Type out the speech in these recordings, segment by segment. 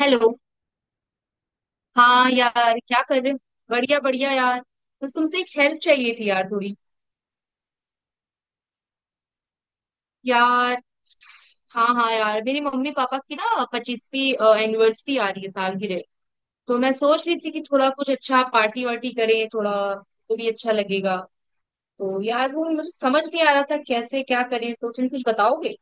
Hello. हाँ यार, क्या कर रहे हो? बढ़िया बढ़िया यार। बस तुमसे एक हेल्प चाहिए थी यार, थोड़ी। यार, हाँ हाँ यार, मेरी मम्मी पापा की ना 25वीं एनिवर्सरी आ रही है, सालगिरह। तो मैं सोच रही थी कि थोड़ा कुछ अच्छा पार्टी वार्टी करें, थोड़ा तो भी अच्छा लगेगा। तो यार, वो मुझे समझ नहीं आ रहा था कैसे क्या करें, तो तुम कुछ बताओगे?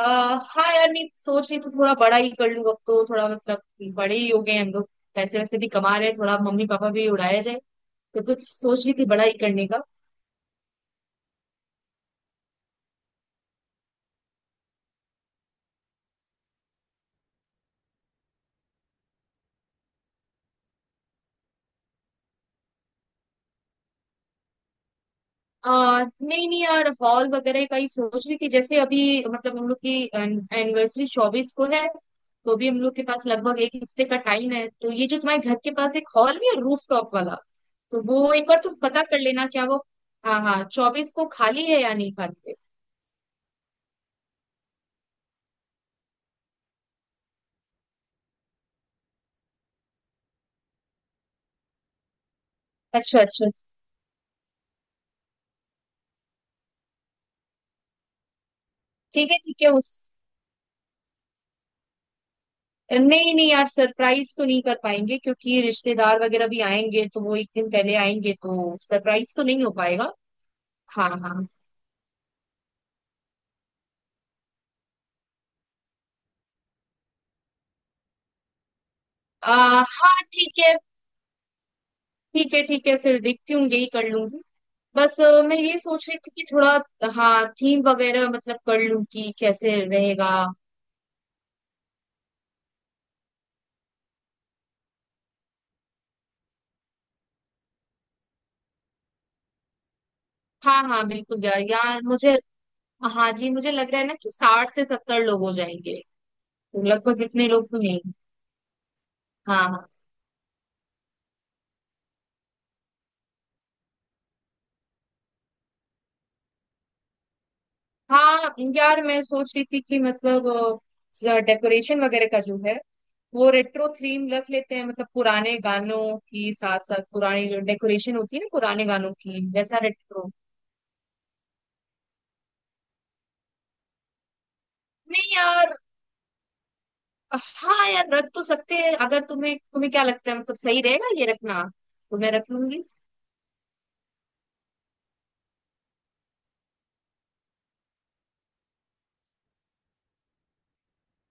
आ, हाँ यार, नहीं, सोच रही तो थोड़ा बड़ा ही कर लूँ अब, तो थोड़ा मतलब बड़े ही हो गए हैं हम लोग। पैसे वैसे भी कमा रहे हैं, थोड़ा मम्मी पापा भी उड़ाया जाए। तो कुछ सोच रही थी बड़ा ही करने का। नहीं नहीं यार, हॉल वगैरह का ही सोच रही थी। जैसे अभी मतलब हम लोग की एनिवर्सरी 24 को है, तो भी हम लोग के पास लगभग एक हफ्ते का टाइम है। तो ये जो तुम्हारे घर के पास एक हॉल नहीं है रूफ टॉप वाला, तो वो एक बार तुम पता कर लेना क्या वो। हाँ हाँ, 24 को खाली है या नहीं खाली है। अच्छा अच्छा। ठीक है ठीक है। उस, नहीं नहीं यार, सरप्राइज तो नहीं कर पाएंगे, क्योंकि रिश्तेदार वगैरह भी आएंगे तो वो एक दिन पहले आएंगे, तो सरप्राइज तो नहीं हो पाएगा। हाँ हाँ। आ, हाँ ठीक है। ठीक है ठीक है फिर, देखती हूँ, यही कर लूंगी। बस मैं ये सोच रही थी कि थोड़ा, हाँ, थीम वगैरह मतलब कर लूँ कि कैसे रहेगा। हाँ हाँ बिल्कुल यार, यार मुझे, हाँ जी, मुझे लग रहा है ना कि 60 से 70 लोग हो जाएंगे। तो लगभग इतने लोग तो नहीं। हाँ हाँ हाँ यार, मैं सोच रही थी कि मतलब डेकोरेशन वगैरह का जो है, वो रेट्रो थीम रख लेते हैं। मतलब पुराने गानों की, साथ साथ पुरानी जो डेकोरेशन होती है ना पुराने गानों की, वैसा रेट्रो। नहीं यार, हाँ यार, रख तो सकते हैं। अगर तुम्हें तुम्हें क्या लगता है मतलब सही रहेगा ये रखना, तो मैं रख लूंगी।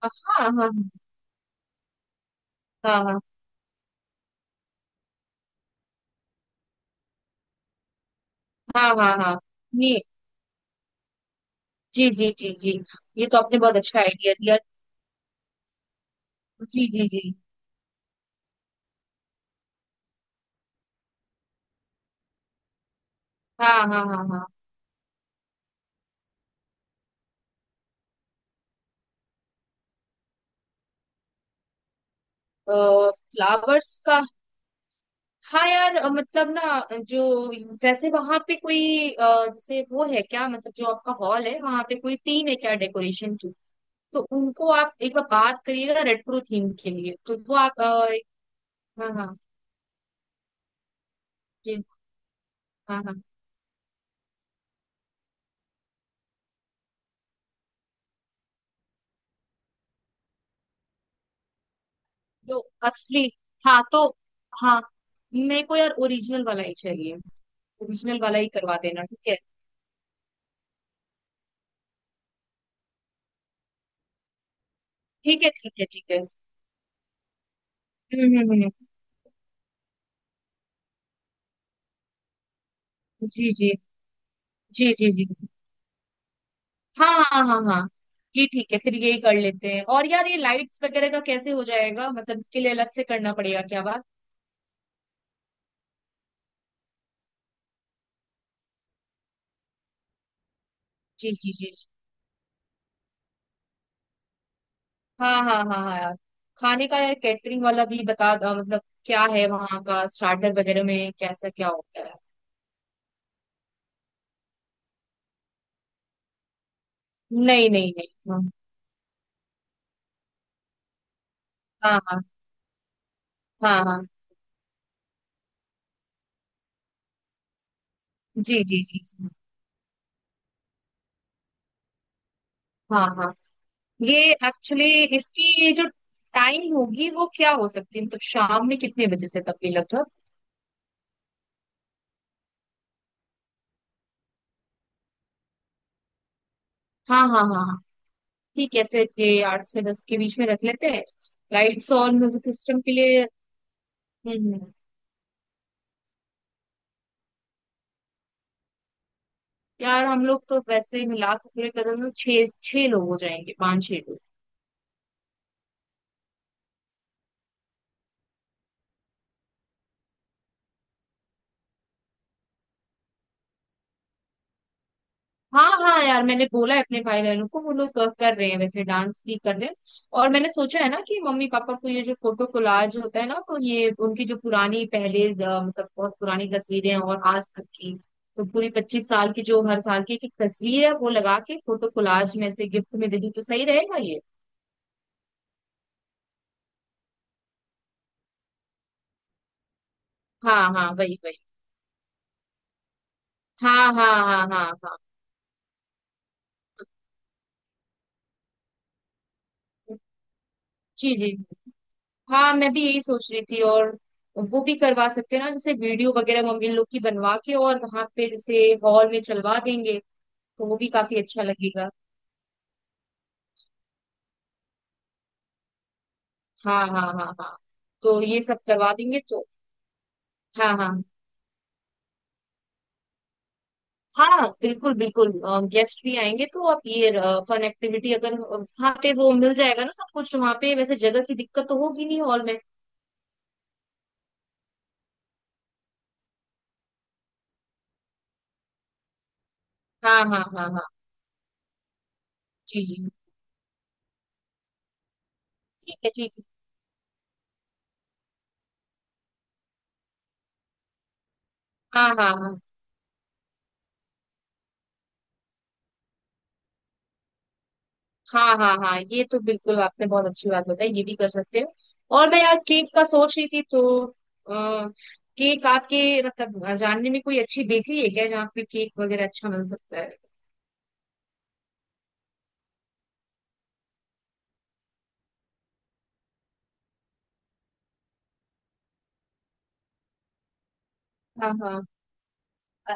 हाँ हाँ हाँ हाँ हाँ हाँ हाँ हाँ। नहीं, जी जी जी जी, ये तो आपने बहुत अच्छा आइडिया दिया। जी जी जी। हाँ हाँ हाँ हाँ। फ्लावर्स का हाँ यार, मतलब ना, जो वैसे वहां पे कोई जैसे वो है क्या, मतलब जो आपका हॉल है वहां पे कोई टीम है क्या डेकोरेशन की, तो उनको आप एक बार बात करिएगा रेट्रो थीम के लिए, तो वो आप हाँ हाँ जी, हाँ हाँ। जो असली, हाँ तो, हाँ, मेरे को यार ओरिजिनल वाला ही चाहिए। ओरिजिनल वाला ही करवा देना ठीक है। ठीक है ठीक है ठीक है। हम्म हम्म हम्म हम्म। जी जी जी जी। जी, हाँ हाँ हाँ हाँ हाँ। ये ठीक है, फिर यही कर लेते हैं। और यार, ये लाइट्स वगैरह का कैसे हो जाएगा, मतलब इसके लिए अलग से करना पड़ेगा क्या बात। जी जी जी जी। हाँ हाँ हाँ हाँ यार, खाने का यार कैटरिंग वाला भी बता दो, मतलब क्या है वहाँ का, स्टार्टर वगैरह में कैसा क्या होता है। नहीं नहीं नहीं। हाँ हाँ हाँ हाँ हाँ। जी जी जी जी। हाँ हाँ, ये एक्चुअली इसकी ये जो टाइम होगी वो क्या हो सकती है, मतलब शाम में कितने बजे से तक भी लगभग। हाँ हाँ हाँ हाँ। ठीक है, फिर ये 8 से 10 के बीच में रख लेते हैं लाइट्स और म्यूजिक सिस्टम के लिए। हम्म हम्म। यार हम लोग तो वैसे मिला के पूरे कदम तो छह छह लोग हो जाएंगे, पांच छह लोग। हाँ हाँ यार, मैंने बोला है अपने भाई बहनों को, वो लोग कर रहे हैं, वैसे डांस भी कर रहे हैं। और मैंने सोचा है ना कि मम्मी पापा को ये जो फोटो कोलाज होता है ना, तो ये उनकी जो पुरानी पहले मतलब बहुत पुरानी तस्वीरें और आज तक की, तो पूरी 25 साल की जो हर साल की एक एक तस्वीर है, वो लगा के फोटो कोलाज में से गिफ्ट में दे दूं तो सही रहेगा ये। हाँ हाँ, वही वही। हाँ हाँ हाँ हाँ हाँ। जी जी। हाँ, मैं भी यही सोच रही थी। और वो भी करवा सकते हैं ना, जैसे वीडियो वगैरह मम्मी लोग की बनवा के और वहां पे जैसे हॉल में चलवा देंगे, तो वो भी काफी अच्छा लगेगा। हाँ हाँ हाँ हाँ। तो ये सब करवा देंगे, तो हाँ हाँ, हाँ बिल्कुल बिल्कुल। गेस्ट भी आएंगे तो आप ये फन एक्टिविटी अगर वहाँ पे वो मिल जाएगा ना, सब कुछ वहाँ पे, वैसे जगह की दिक्कत तो होगी नहीं हॉल में। हाँ हाँ हाँ हाँ। जी जी, ठीक है ठीक है। हाँ हाँ हाँ हाँ हाँ हाँ, ये तो बिल्कुल आपने बहुत अच्छी बात बताई, ये भी कर सकते हो। और मैं यार, केक का सोच रही थी तो आ, केक आपके मतलब जानने में कोई अच्छी बेकरी है क्या जहाँ पे केक वगैरह अच्छा मिल सकता है। हाँ हाँ। अ,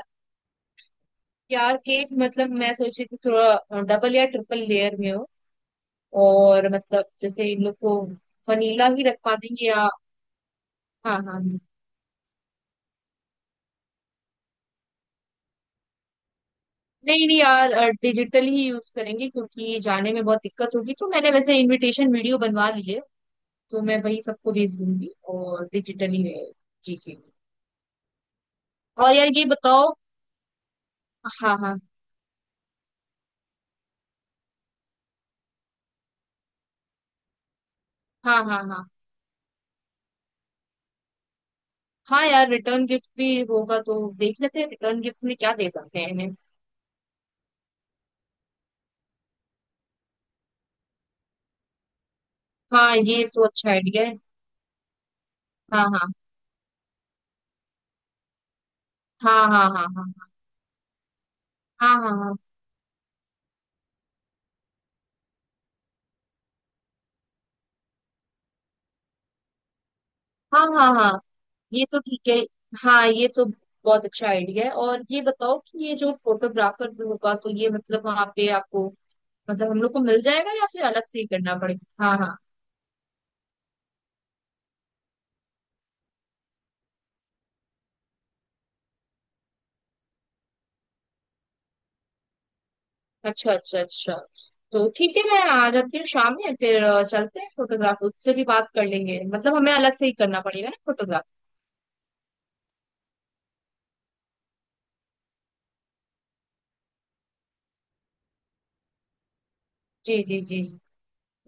यार केक मतलब मैं सोच रही थी थोड़ा डबल या ट्रिपल लेयर में हो, और मतलब जैसे इन लोग को वनीला ही रखवा देंगे या, हाँ हाँ। नहीं नहीं यार, डिजिटल ही यूज करेंगे, क्योंकि जाने में बहुत दिक्कत होगी, तो मैंने वैसे इनविटेशन वीडियो बनवा ली है, तो मैं वही सबको भेज दूंगी और डिजिटली। जी जी। और यार ये बताओ, हाँ हाँ हाँ हाँ। हाँ हाँ यार, रिटर्न गिफ्ट भी होगा तो देख लेते हैं, रिटर्न गिफ्ट में क्या दे सकते हैं इन्हें। हाँ ये तो अच्छा आइडिया है। हाँ हाँ हाँ हाँ हाँ हाँ हाँ हाँ हाँ हाँ हाँ हाँ। ये तो ठीक है। हाँ, ये तो बहुत अच्छा आइडिया है। और ये बताओ कि ये जो फोटोग्राफर होगा तो ये मतलब वहाँ पे आपको, मतलब हम लोग को मिल जाएगा या फिर अलग से ही करना पड़ेगा? हाँ हाँ। अच्छा अच्छा अच्छा, तो ठीक है मैं आ जाती हूँ शाम में, फिर चलते हैं, फोटोग्राफर उससे भी बात कर लेंगे, मतलब हमें अलग से ही करना पड़ेगा ना फोटोग्राफ। जी जी जी जी।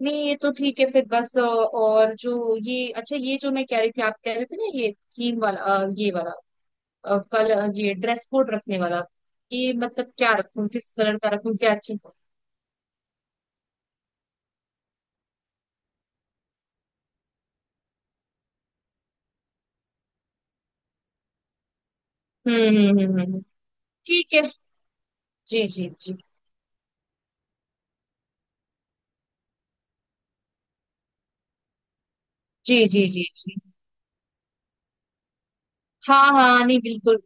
नहीं ये तो ठीक है। फिर बस और जो ये अच्छा, ये जो मैं कह रही थी, आप कह रहे थे ना, ये थीम वाला ये वाला, कल ये ड्रेस कोड रखने वाला, ये मतलब क्या रखूं, किस कलर का रखूं क्या अच्छा। हम्म हम्म हम्म हम्म, हम्म। ठीक है। जी जी जी जी जी जी जी। हाँ हाँ, नहीं बिल्कुल,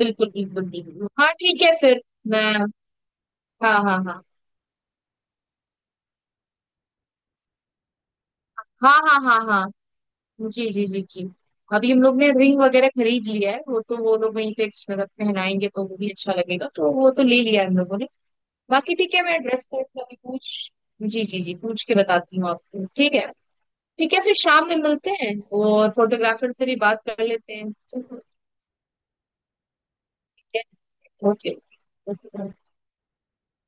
बिल्कुल बिल्कुल बिल्कुल हाँ ठीक है फिर मैं, हाँ हाँ हाँ हाँ हाँ हाँ हाँ। जी जी जी जी। अभी हम लोग ने रिंग वगैरह खरीद लिया है, वो तो वो लोग वहीं पे मतलब पहनाएंगे तो वो भी अच्छा लगेगा, तो वो तो ले लिया है हम लोगों ने। बाकी ठीक है, मैं ड्रेस कोड का भी पूछ, जी जी जी, पूछ के बताती हूँ आपको ठीक है। ठीक है, फिर शाम में मिलते हैं और फोटोग्राफर से भी बात कर लेते हैं, चलो, ठीक है। ओके। ओके।